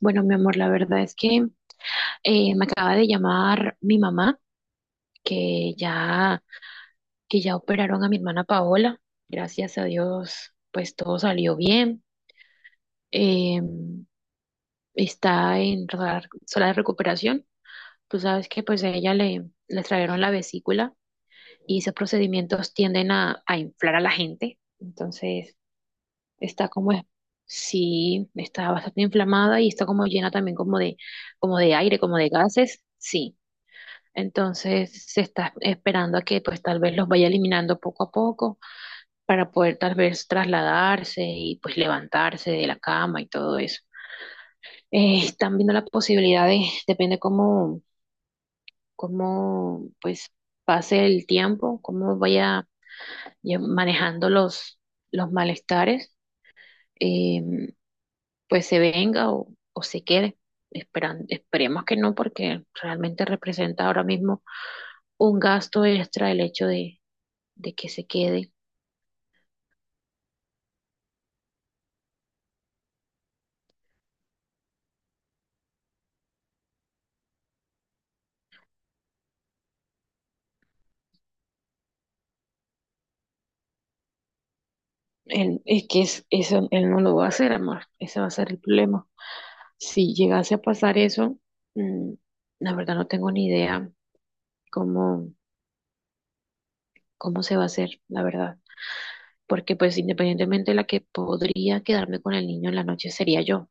Bueno, mi amor, la verdad es que me acaba de llamar mi mamá, que ya, que ya operaron a mi hermana Paola. Gracias a Dios, pues todo salió bien. Eh, está en sala de recuperación. Tú sabes que pues a ella le extrajeron la vesícula y esos procedimientos tienden a inflar a la gente. Entonces, está como, sí, está bastante inflamada y está como llena también como de aire, como de gases. Sí. Entonces se está esperando a que pues tal vez los vaya eliminando poco a poco para poder tal vez trasladarse y pues levantarse de la cama y todo eso. Están viendo la posibilidad de, depende cómo pues pase el tiempo, cómo vaya manejando los malestares, eh, pues se venga o se quede. Esperemos que no, porque realmente representa ahora mismo un gasto extra el hecho de que se quede. Él, es que eso él no lo va a hacer, amor. Ese va a ser el problema. Si llegase a pasar eso, mm, la verdad no tengo ni idea cómo, cómo se va a hacer, la verdad. Porque pues independientemente la que podría quedarme con el niño en la noche sería yo.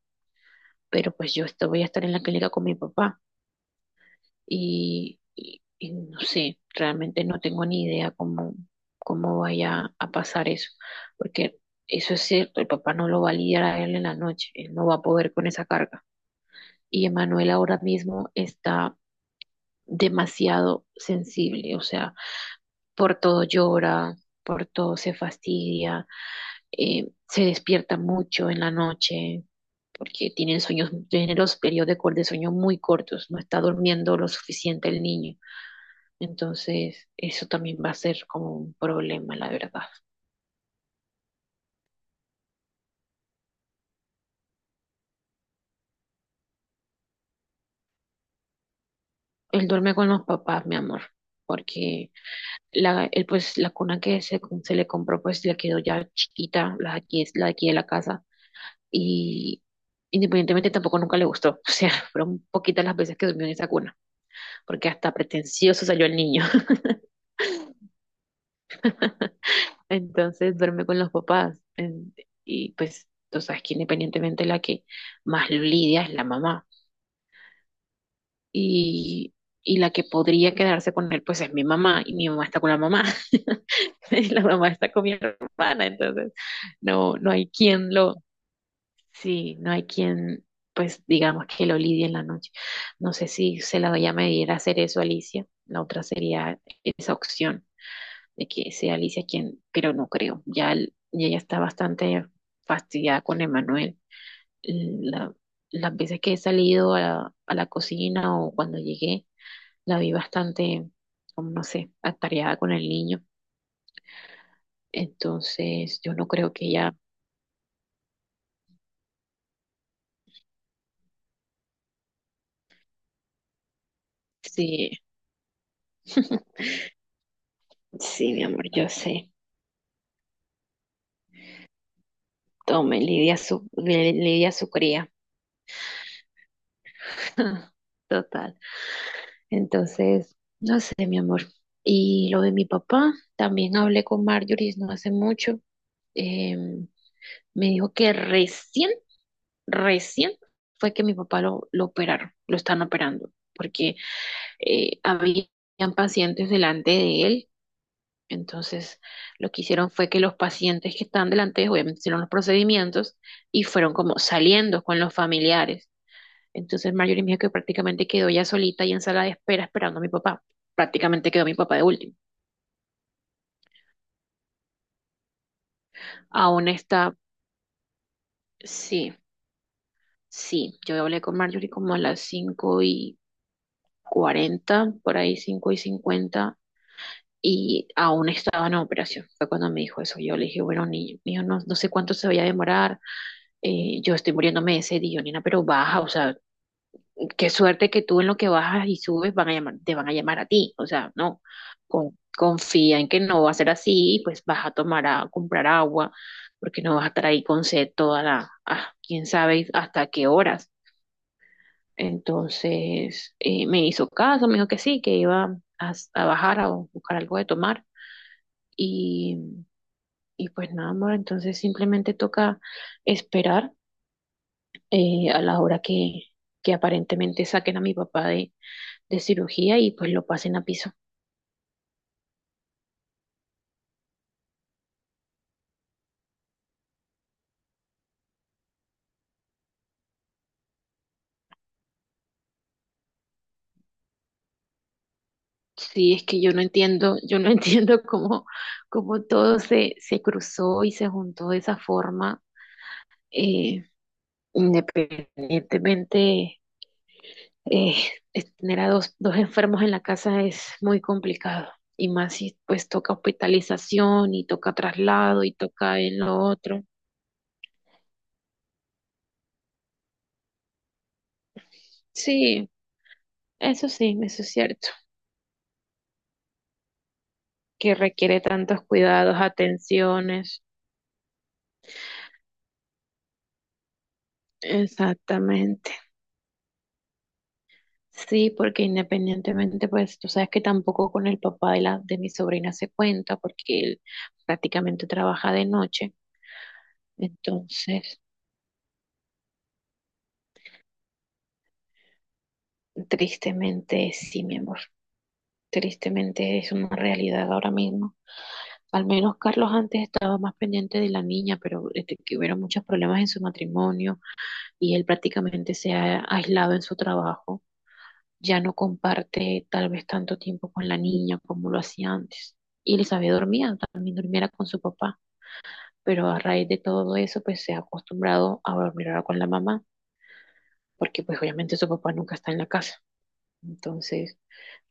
Pero pues yo voy a estar en la clínica con mi papá. Y no sé, realmente no tengo ni idea cómo vaya a pasar eso. Porque eso es cierto, el papá no lo va a lidiar a él en la noche. Él no va a poder con esa carga. Y Emanuel ahora mismo está demasiado sensible, o sea, por todo llora, por todo se fastidia, se despierta mucho en la noche porque tienen sueños, tienen los periodos de sueño muy cortos, no está durmiendo lo suficiente el niño. Entonces, eso también va a ser como un problema, la verdad. Él duerme con los papás, mi amor, porque la, él, pues, la cuna que se le compró, pues le quedó ya chiquita, la, aquí es la de aquí de la casa, y independientemente tampoco nunca le gustó. O sea, fueron poquitas las veces que durmió en esa cuna, porque hasta pretencioso salió el niño. Entonces duerme con los papás. Y pues tú sabes que independientemente la que más lo lidia es la mamá. Y, y la que podría quedarse con él, pues es mi mamá, y mi mamá está con la mamá. Y la mamá está con mi hermana, entonces no, no hay quien lo... Sí, no hay quien, pues digamos que lo lidie en la noche. No sé si se la vaya a medir a hacer eso a Alicia. La otra sería esa opción de que sea Alicia quien, pero no creo. Y ella está bastante fastidiada con Emanuel. La- las veces que he salido a la cocina o cuando llegué, la vi bastante, como no sé, atareada con el niño. Entonces, yo no creo que ella... Sí, sí, mi amor, yo sé. Tome, Lidia su cría. Total. Entonces, no sé, mi amor. Y lo de mi papá, también hablé con Marjorie no hace mucho. Eh, me dijo que recién fue que mi papá lo operaron, lo están operando, porque habían pacientes delante de él. Entonces, lo que hicieron fue que los pacientes que están delante, obviamente hicieron los procedimientos y fueron como saliendo con los familiares. Entonces Marjorie me dijo que prácticamente quedó ya solita y en sala de espera esperando a mi papá. Prácticamente quedó mi papá de último. Aún está, sí, sí. Yo hablé con Marjorie como a las 5:40, por ahí 5:50, y aún estaba en operación. Fue cuando me dijo eso. Yo le dije, bueno, niño, no, no sé cuánto se vaya a demorar. Yo estoy muriéndome de sed, y yo, nena, pero baja, o sea, qué suerte que tú en lo que bajas y subes van a llamar, te van a llamar a ti. O sea, no, confía en que no va a ser así y pues vas a tomar a comprar agua porque no vas a estar ahí con sed toda la, ah, quién sabe hasta qué horas. Entonces me hizo caso, me dijo que sí, que iba a bajar a buscar algo de tomar. Y, y pues nada, amor, entonces simplemente toca esperar a la hora que aparentemente saquen a mi papá de cirugía y pues lo pasen a piso. Sí, es que yo no entiendo, yo no entiendo cómo, cómo todo se cruzó y se juntó de esa forma, eh, independientemente, eh, tener a dos enfermos en la casa es muy complicado. Y más si pues toca hospitalización y toca traslado y toca en lo otro. Sí, sí, eso es cierto, que requiere tantos cuidados, atenciones. Exactamente. Sí, porque independientemente, pues tú sabes que tampoco con el papá de mi sobrina se cuenta porque él prácticamente trabaja de noche. Entonces, tristemente, sí, mi amor, tristemente es una realidad ahora mismo. Al menos Carlos antes estaba más pendiente de la niña, pero este, que hubieron muchos problemas en su matrimonio y él prácticamente se ha aislado en su trabajo. Ya no comparte tal vez tanto tiempo con la niña como lo hacía antes. Y Elizabeth dormía, también dormiera con su papá, pero a raíz de todo eso, pues se ha acostumbrado a dormir ahora con la mamá, porque pues obviamente su papá nunca está en la casa. Entonces,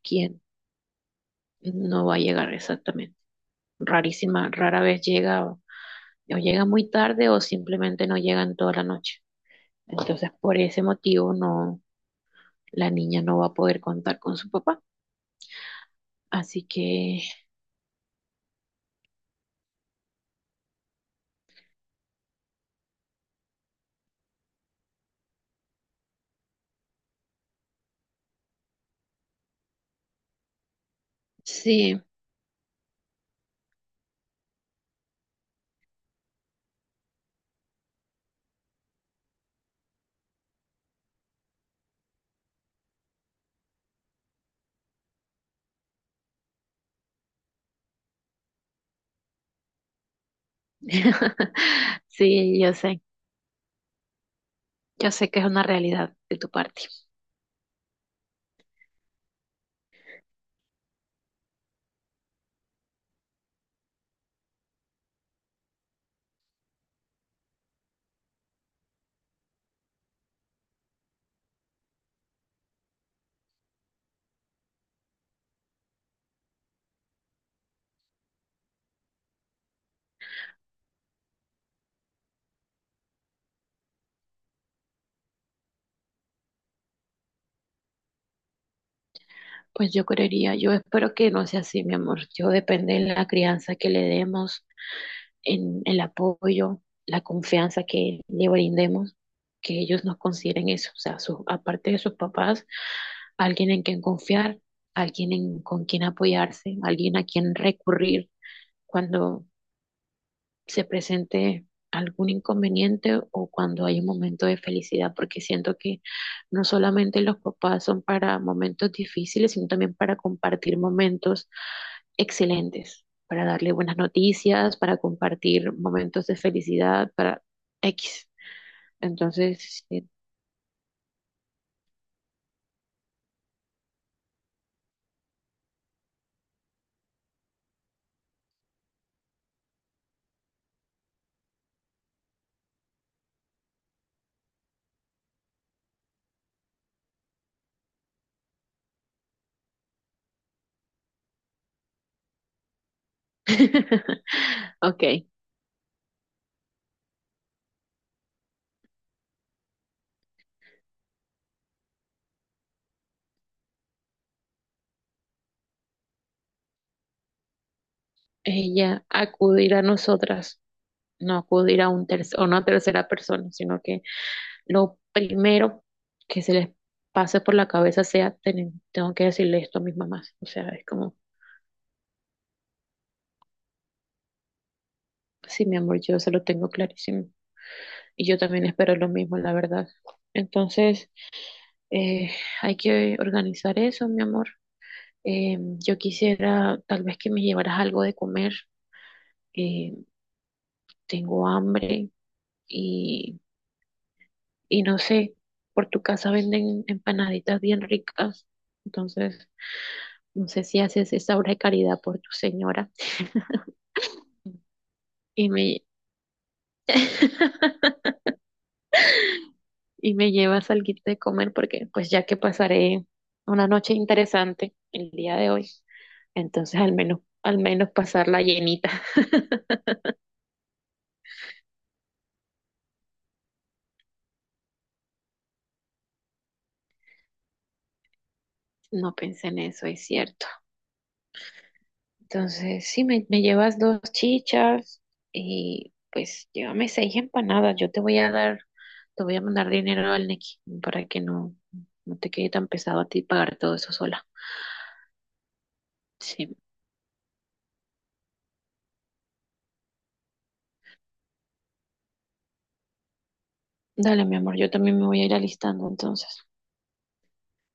¿quién no va a llegar exactamente? Rarísima, rara vez llega, o llega muy tarde o simplemente no llega en toda la noche. Entonces, por ese motivo, no, la niña no va a poder contar con su papá. Así que sí. Sí, yo sé que es una realidad de tu parte. Pues yo creería, yo espero que no sea así, mi amor. Yo depende de la crianza que le demos, en el apoyo, la confianza que le brindemos, que ellos nos consideren eso, o sea, aparte de sus papás, alguien en quien confiar, alguien en, con quien apoyarse, alguien a quien recurrir se presente algún inconveniente o cuando hay un momento de felicidad, porque siento que no solamente los papás son para momentos difíciles, sino también para compartir momentos excelentes, para darle buenas noticias, para compartir momentos de felicidad, para X. Entonces, sí. Ok, ella acudir a nosotras, no acudir a un tercer, o no a tercera persona, sino que lo primero que se les pase por la cabeza sea, tengo que decirle esto a mis mamás". O sea, es como, sí, mi amor, yo se lo tengo clarísimo. Y yo también espero lo mismo, la verdad. Entonces, eh, hay que organizar eso, mi amor. Yo quisiera tal vez que me llevaras algo de comer. Eh, tengo hambre y, y no sé, por tu casa venden empanaditas bien ricas. Entonces, no sé si haces esa obra de caridad por tu señora y y me llevas alguito de comer porque pues ya que pasaré una noche interesante el día de hoy, entonces al menos pasarla llenita. No pensé en eso, es cierto. Entonces, sí, me llevas dos chichas y pues llévame seis empanadas. Yo te voy a dar, te voy a mandar dinero al Nequi para que no te quede tan pesado a ti pagar todo eso sola. Sí, dale, mi amor, yo también me voy a ir alistando entonces.